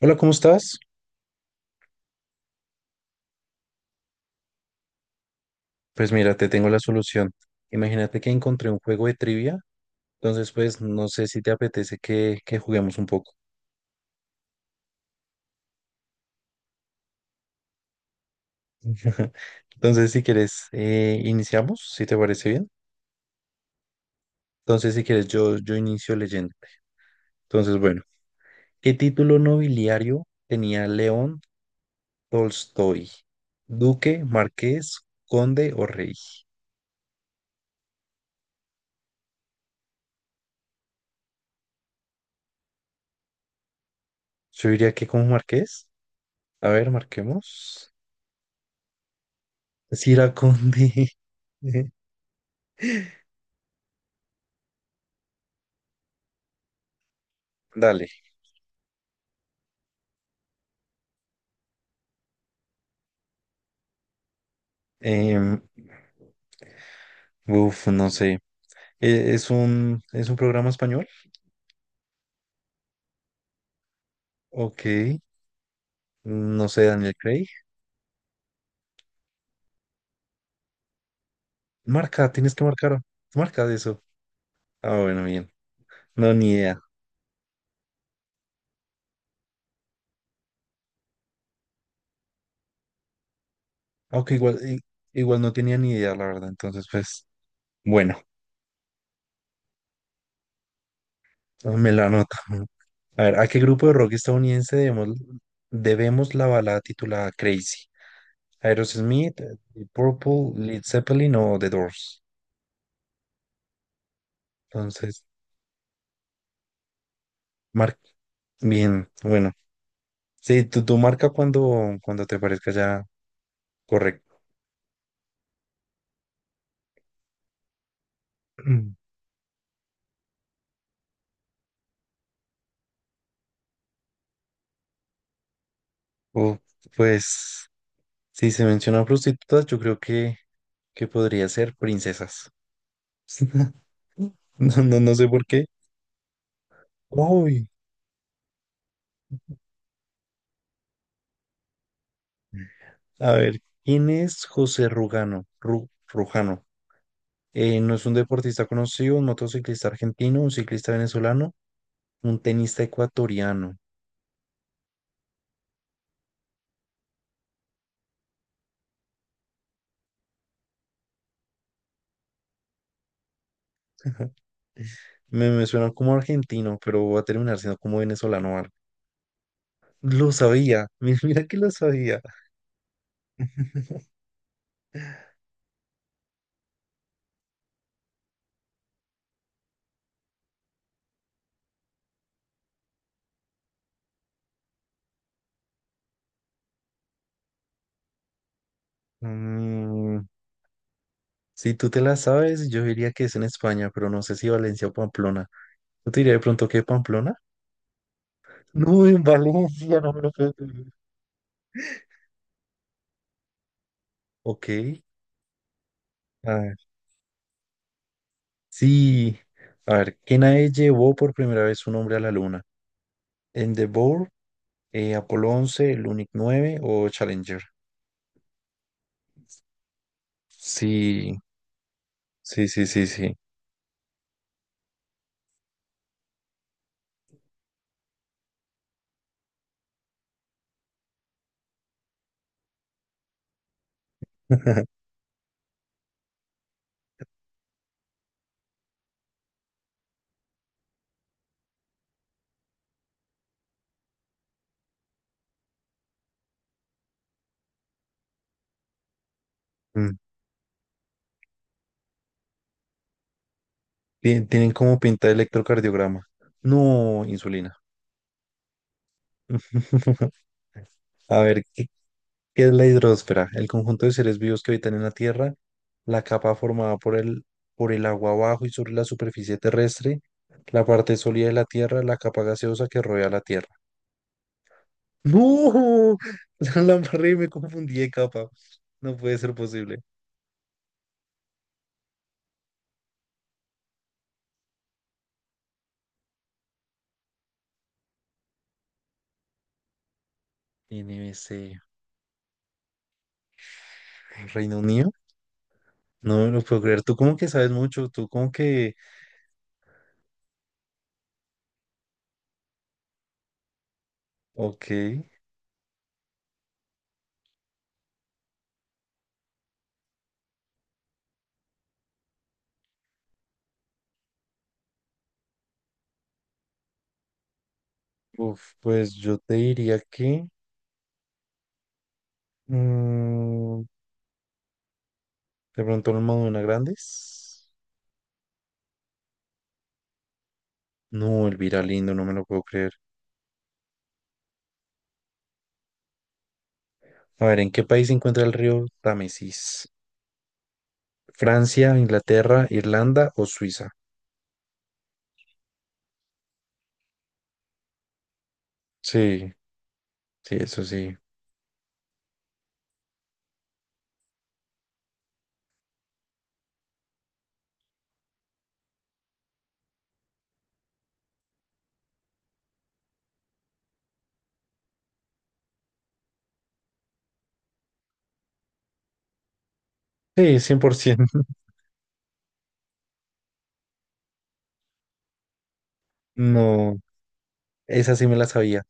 Hola, ¿cómo estás? Pues mira, te tengo la solución. Imagínate que encontré un juego de trivia, entonces pues no sé si te apetece que juguemos un poco. Entonces si quieres, iniciamos, si te parece bien. Entonces si quieres, yo inicio leyendo. Entonces bueno, ¿qué título nobiliario tenía León Tolstoy? ¿Duque, marqués, conde o rey? Yo diría que como marqués. A ver, marquemos. Si era conde. Dale. Em, Uf, no sé. ¿Es es un programa español? Ok. No sé, Daniel Craig. Marca, tienes que marcar. Marca de eso. Ah, bueno, bien. No, ni idea. Aunque igual no tenía ni idea, la verdad. Entonces, pues, bueno, me la anoto. A ver, ¿a qué grupo de rock estadounidense debemos la balada titulada Crazy? Aerosmith, The Purple, Led Zeppelin o The Doors. Entonces, marca. Bien, bueno. Sí, tú marca cuando te parezca ya. Correcto. O, pues, si se mencionan prostitutas, yo creo que podría ser princesas. No, no, no sé por qué. Uy, a ver, ¿quién es José Rugano? Rujano. No es un deportista conocido, un motociclista argentino, un ciclista venezolano, un tenista ecuatoriano. Me suena como argentino, pero voy a terminar siendo como venezolano o algo. Lo sabía, mira que lo sabía. Mm, si tú te la sabes, yo diría que es en España, pero no sé si Valencia o Pamplona. Yo te diría de pronto que Pamplona. No, en Valencia, no me lo puedo creer. Ok, a ver. Sí, a ver, ¿qué nave llevó por primera vez un hombre a la luna? ¿Endeavour, Apolo 11, Lunik 9 o Challenger? Sí, sí, sí, sí, sí. Mm, tienen como pinta de electrocardiograma. No, insulina. A ver, ¿qué es la hidrosfera? El conjunto de seres vivos que habitan en la Tierra, la capa formada por el agua abajo y sobre la superficie terrestre, la parte sólida de la Tierra, la capa gaseosa que rodea la Tierra. ¡No! La embarré, me confundí de capa. No puede ser posible. NBC. Reino Unido. No me lo puedo creer. Tú como que sabes mucho. Tú como que... Ok. Uf, pues yo te diría que... mm, de pronto los Madonna Grandes. No, Elvira, lindo, no me lo puedo creer. A ver, ¿en qué país se encuentra el río Támesis? ¿Francia, Inglaterra, Irlanda o Suiza? Sí, sí, eso sí. Sí, 100%. No, esa sí me la sabía.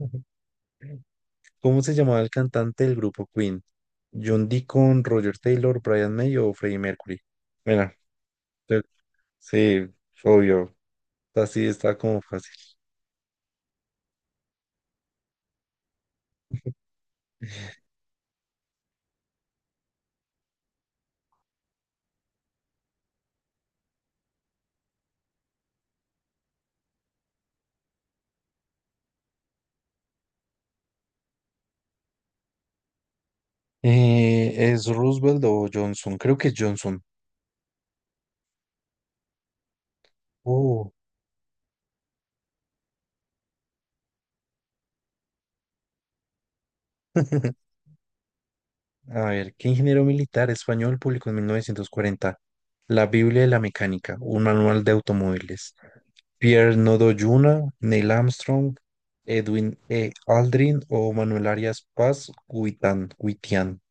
¿Cómo se llamaba el cantante del grupo Queen? ¿John Deacon, Roger Taylor, Brian May o Freddie Mercury? Mira, te- sí, obvio. Así está como fácil. ¿Es Roosevelt o Johnson? Creo que es Johnson. Oh. A ver, ¿qué ingeniero militar español publicó en 1940 La Biblia de la Mecánica, un manual de automóviles? Pierre Nodoyuna, Neil Armstrong, Edwin E. Aldrin o Manuel Arias Paz Guitán, Guitián.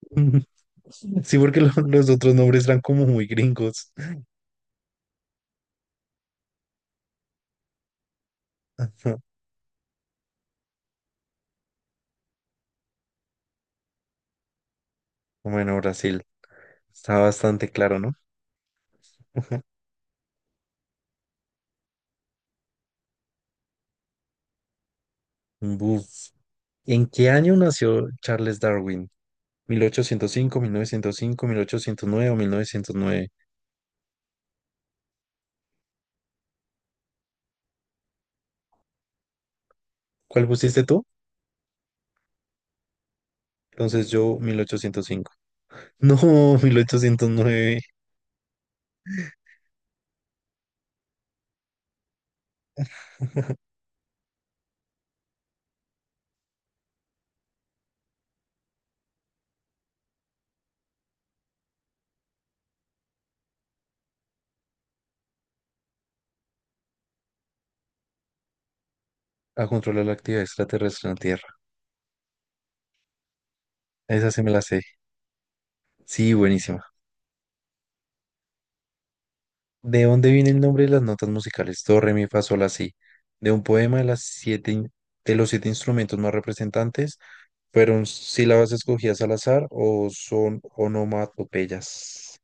Sí, porque los otros nombres eran como muy gringos. Bueno, Brasil, está bastante claro, ¿no? Buf. ¿En qué año nació Charles Darwin? 1805, cinco, 905, 1809 o 1909. ¿Cuál pusiste tú? Entonces yo 1805. No, 1809. A controlar la actividad extraterrestre en la Tierra. Esa se me la sé. Sí, buenísima. ¿De dónde viene el nombre de las notas musicales? Do, re, mi, fa, sol, la, si. De un poema de las siete, de los siete instrumentos más representantes. ¿Fueron sílabas escogidas al azar o son onomatopeyas?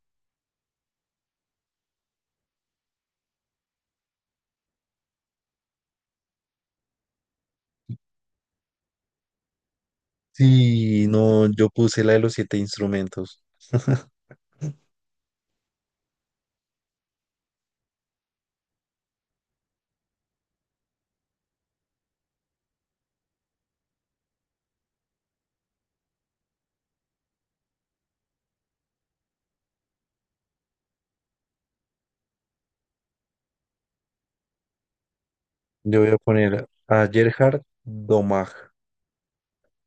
Sí, no, yo puse la de los siete instrumentos. Yo voy a poner a Gerhard Domag.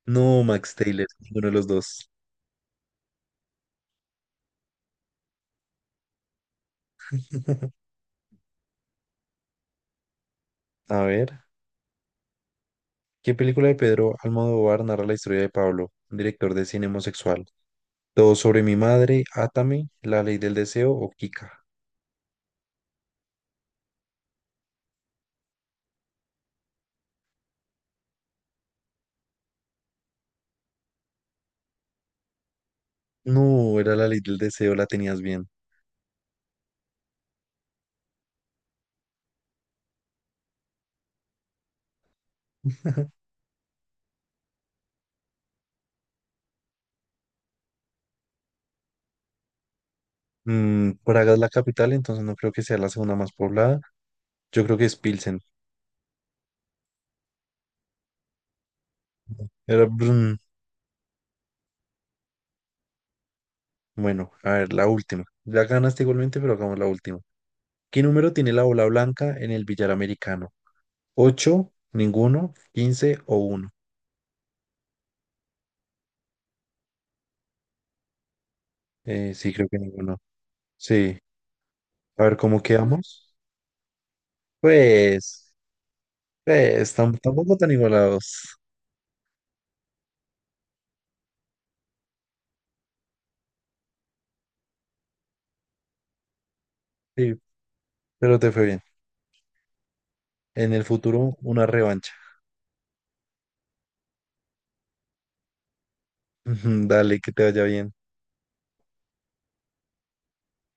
No, Max Taylor, ninguno de los dos. A ver, ¿qué película de Pedro Almodóvar narra la historia de Pablo, un director de cine homosexual? Todo sobre mi madre, Átame, La ley del deseo o Kika. No, era La ley del deseo, la tenías bien. Mm, Praga es la capital, entonces no creo que sea la segunda más poblada. Yo creo que es Pilsen. Era Brno. Bueno, a ver, la última. Ya ganaste igualmente, pero hagamos la última. ¿Qué número tiene la bola blanca en el billar americano? 8, ninguno, 15 o uno. Sí, creo que ninguno. Sí. A ver, ¿cómo quedamos? Pues, pues tampoco tan igualados. Sí, pero te fue bien. En el futuro, una revancha. Dale, que te vaya bien.